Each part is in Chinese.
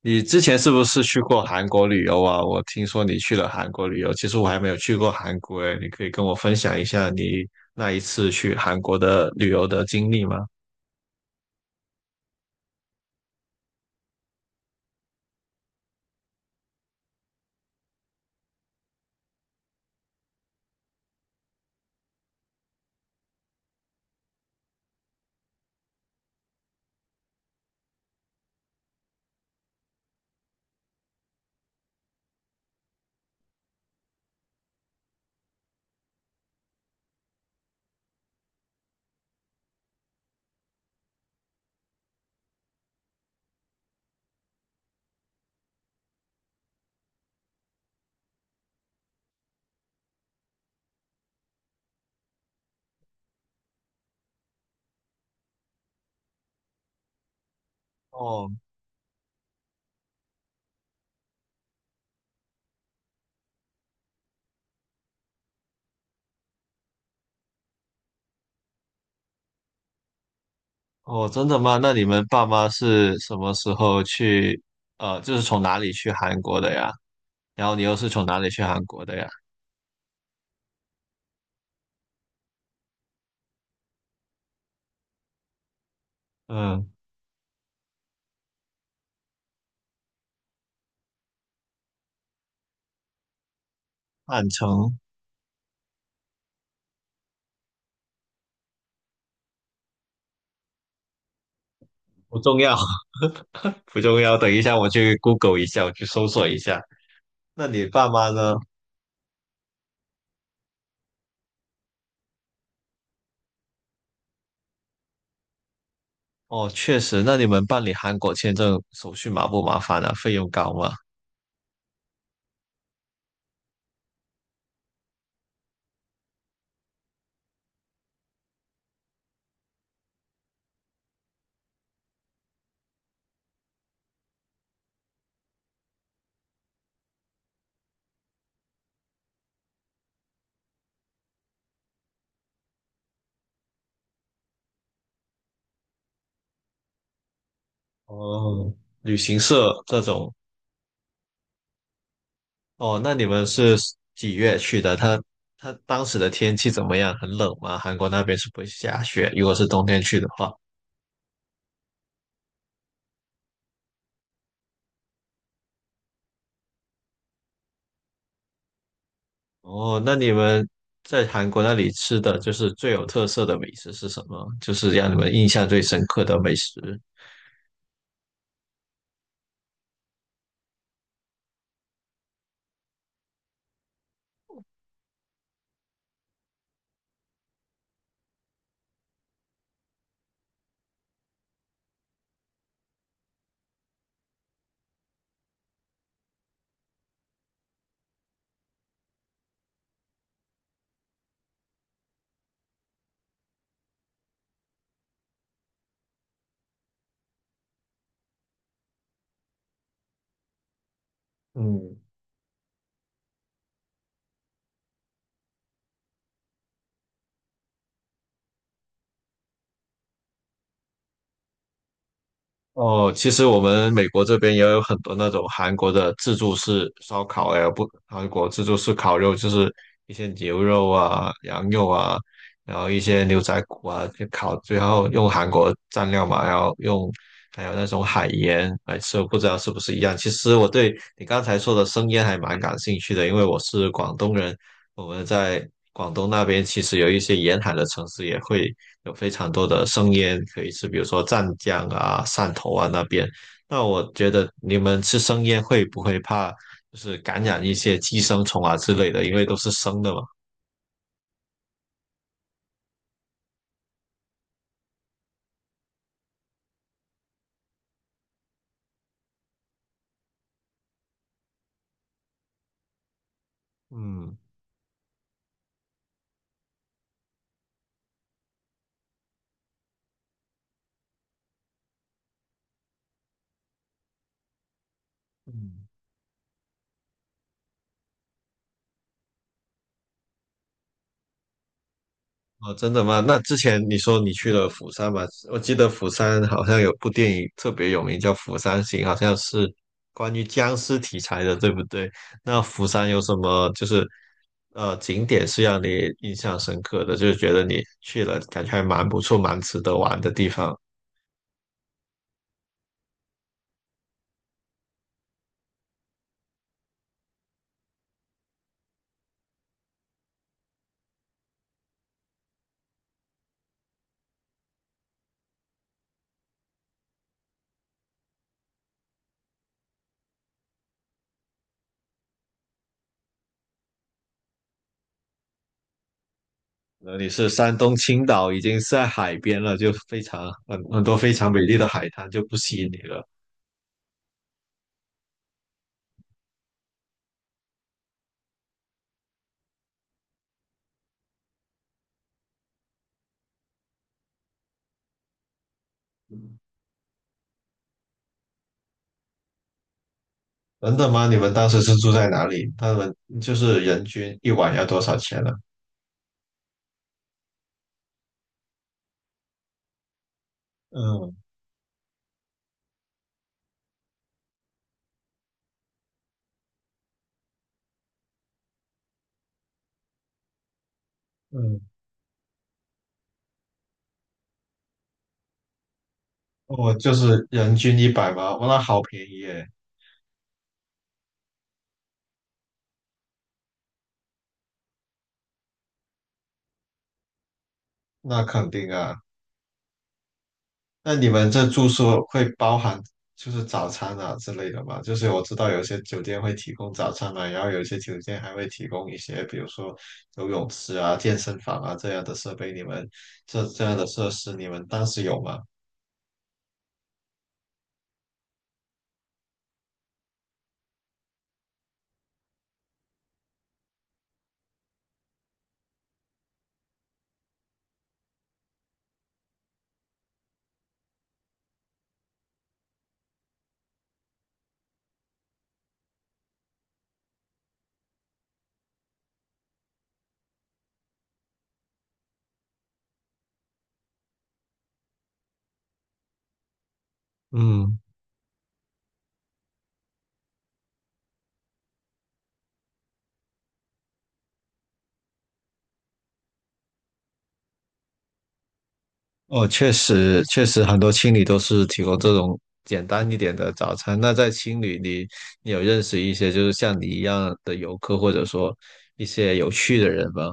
你之前是不是去过韩国旅游啊？我听说你去了韩国旅游，其实我还没有去过韩国诶，你可以跟我分享一下你那一次去韩国的旅游的经历吗？哦哦，真的吗？那你们爸妈是什么时候去？就是从哪里去韩国的呀？然后你又是从哪里去韩国的呀？嗯，汉城不重要，不重要。等一下我去 Google 一下，我去搜索一下。那你爸妈呢？哦，确实，那你们办理韩国签证手续麻不麻烦啊？费用高吗？哦，旅行社这种，哦，那你们是几月去的？它当时的天气怎么样？很冷吗？韩国那边是不会下雪，如果是冬天去的话。哦，那你们在韩国那里吃的就是最有特色的美食是什么？就是让你们印象最深刻的美食。嗯，哦，其实我们美国这边也有很多那种韩国的自助式烧烤，哎，不，韩国自助式烤肉就是一些牛肉啊、羊肉啊，然后一些牛仔骨啊，就烤，最后用韩国蘸料嘛，然后用还有那种海盐来吃，我不知道是不是一样。其实我对你刚才说的生腌还蛮感兴趣的，因为我是广东人，我们在广东那边其实有一些沿海的城市也会。有非常多的生腌可以吃，比如说湛江啊、汕头啊那边。那我觉得你们吃生腌会不会怕就是感染一些寄生虫啊之类的？因为都是生的嘛。嗯嗯。哦，真的吗？那之前你说你去了釜山嘛？我记得釜山好像有部电影特别有名，叫《釜山行》，好像是关于僵尸题材的，对不对？那釜山有什么就是景点是让你印象深刻的，就是觉得你去了感觉还蛮不错、蛮值得玩的地方？那你是山东青岛，已经是在海边了，就非常很多非常美丽的海滩就不吸引你了。真的吗？你们当时是住在哪里？他们就是人均一晚要多少钱呢？嗯嗯，我就是人均一百嘛，哇，那好便宜耶，那肯定啊。那你们这住宿会包含就是早餐啊之类的吗？就是我知道有些酒店会提供早餐嘛，然后有些酒店还会提供一些，比如说游泳池啊、健身房啊这样的设备。你们这样的设施，你们当时有吗？嗯。哦，确实，确实很多青旅都是提供这种简单一点的早餐。那在青旅里，你有认识一些就是像你一样的游客，或者说一些有趣的人吗？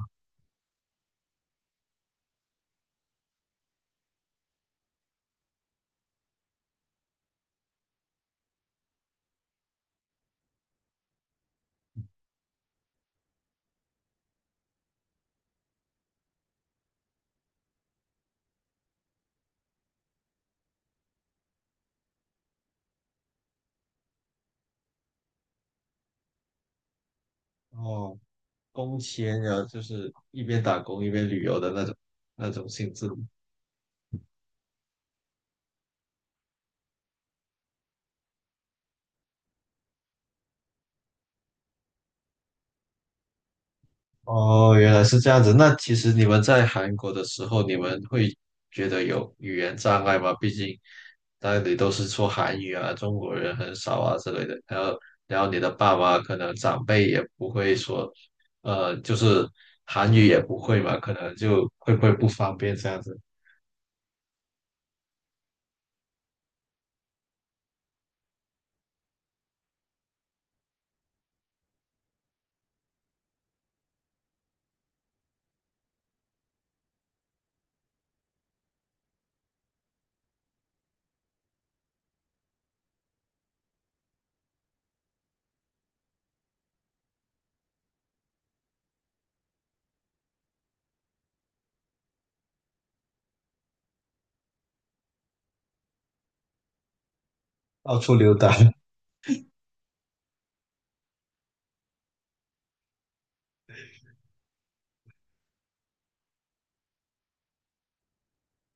哦，工签啊，就是一边打工一边旅游的那种性质。哦，原来是这样子。那其实你们在韩国的时候，你们会觉得有语言障碍吗？毕竟那里都是说韩语啊，中国人很少啊之类的。然后，然后你的爸妈可能长辈也不会说，就是韩语也不会嘛，可能就会不方便这样子到处溜达。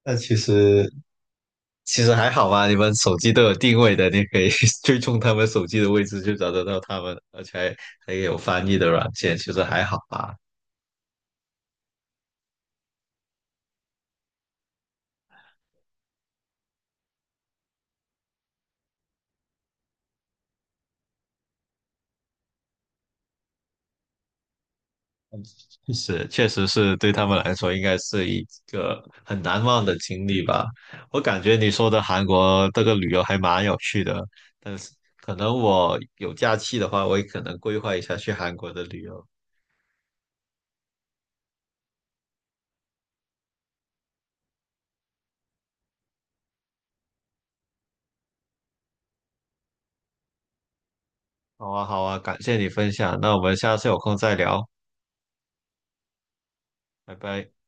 那其实还好吧，你们手机都有定位的，你可以 追踪他们手机的位置，就找得到他们，而且还有翻译的软件，其实还好吧。确实，确实是对他们来说，应该是一个很难忘的经历吧。我感觉你说的韩国这个旅游还蛮有趣的，但是可能我有假期的话，我也可能规划一下去韩国的旅游。好啊，好啊，感谢你分享，那我们下次有空再聊，拜拜。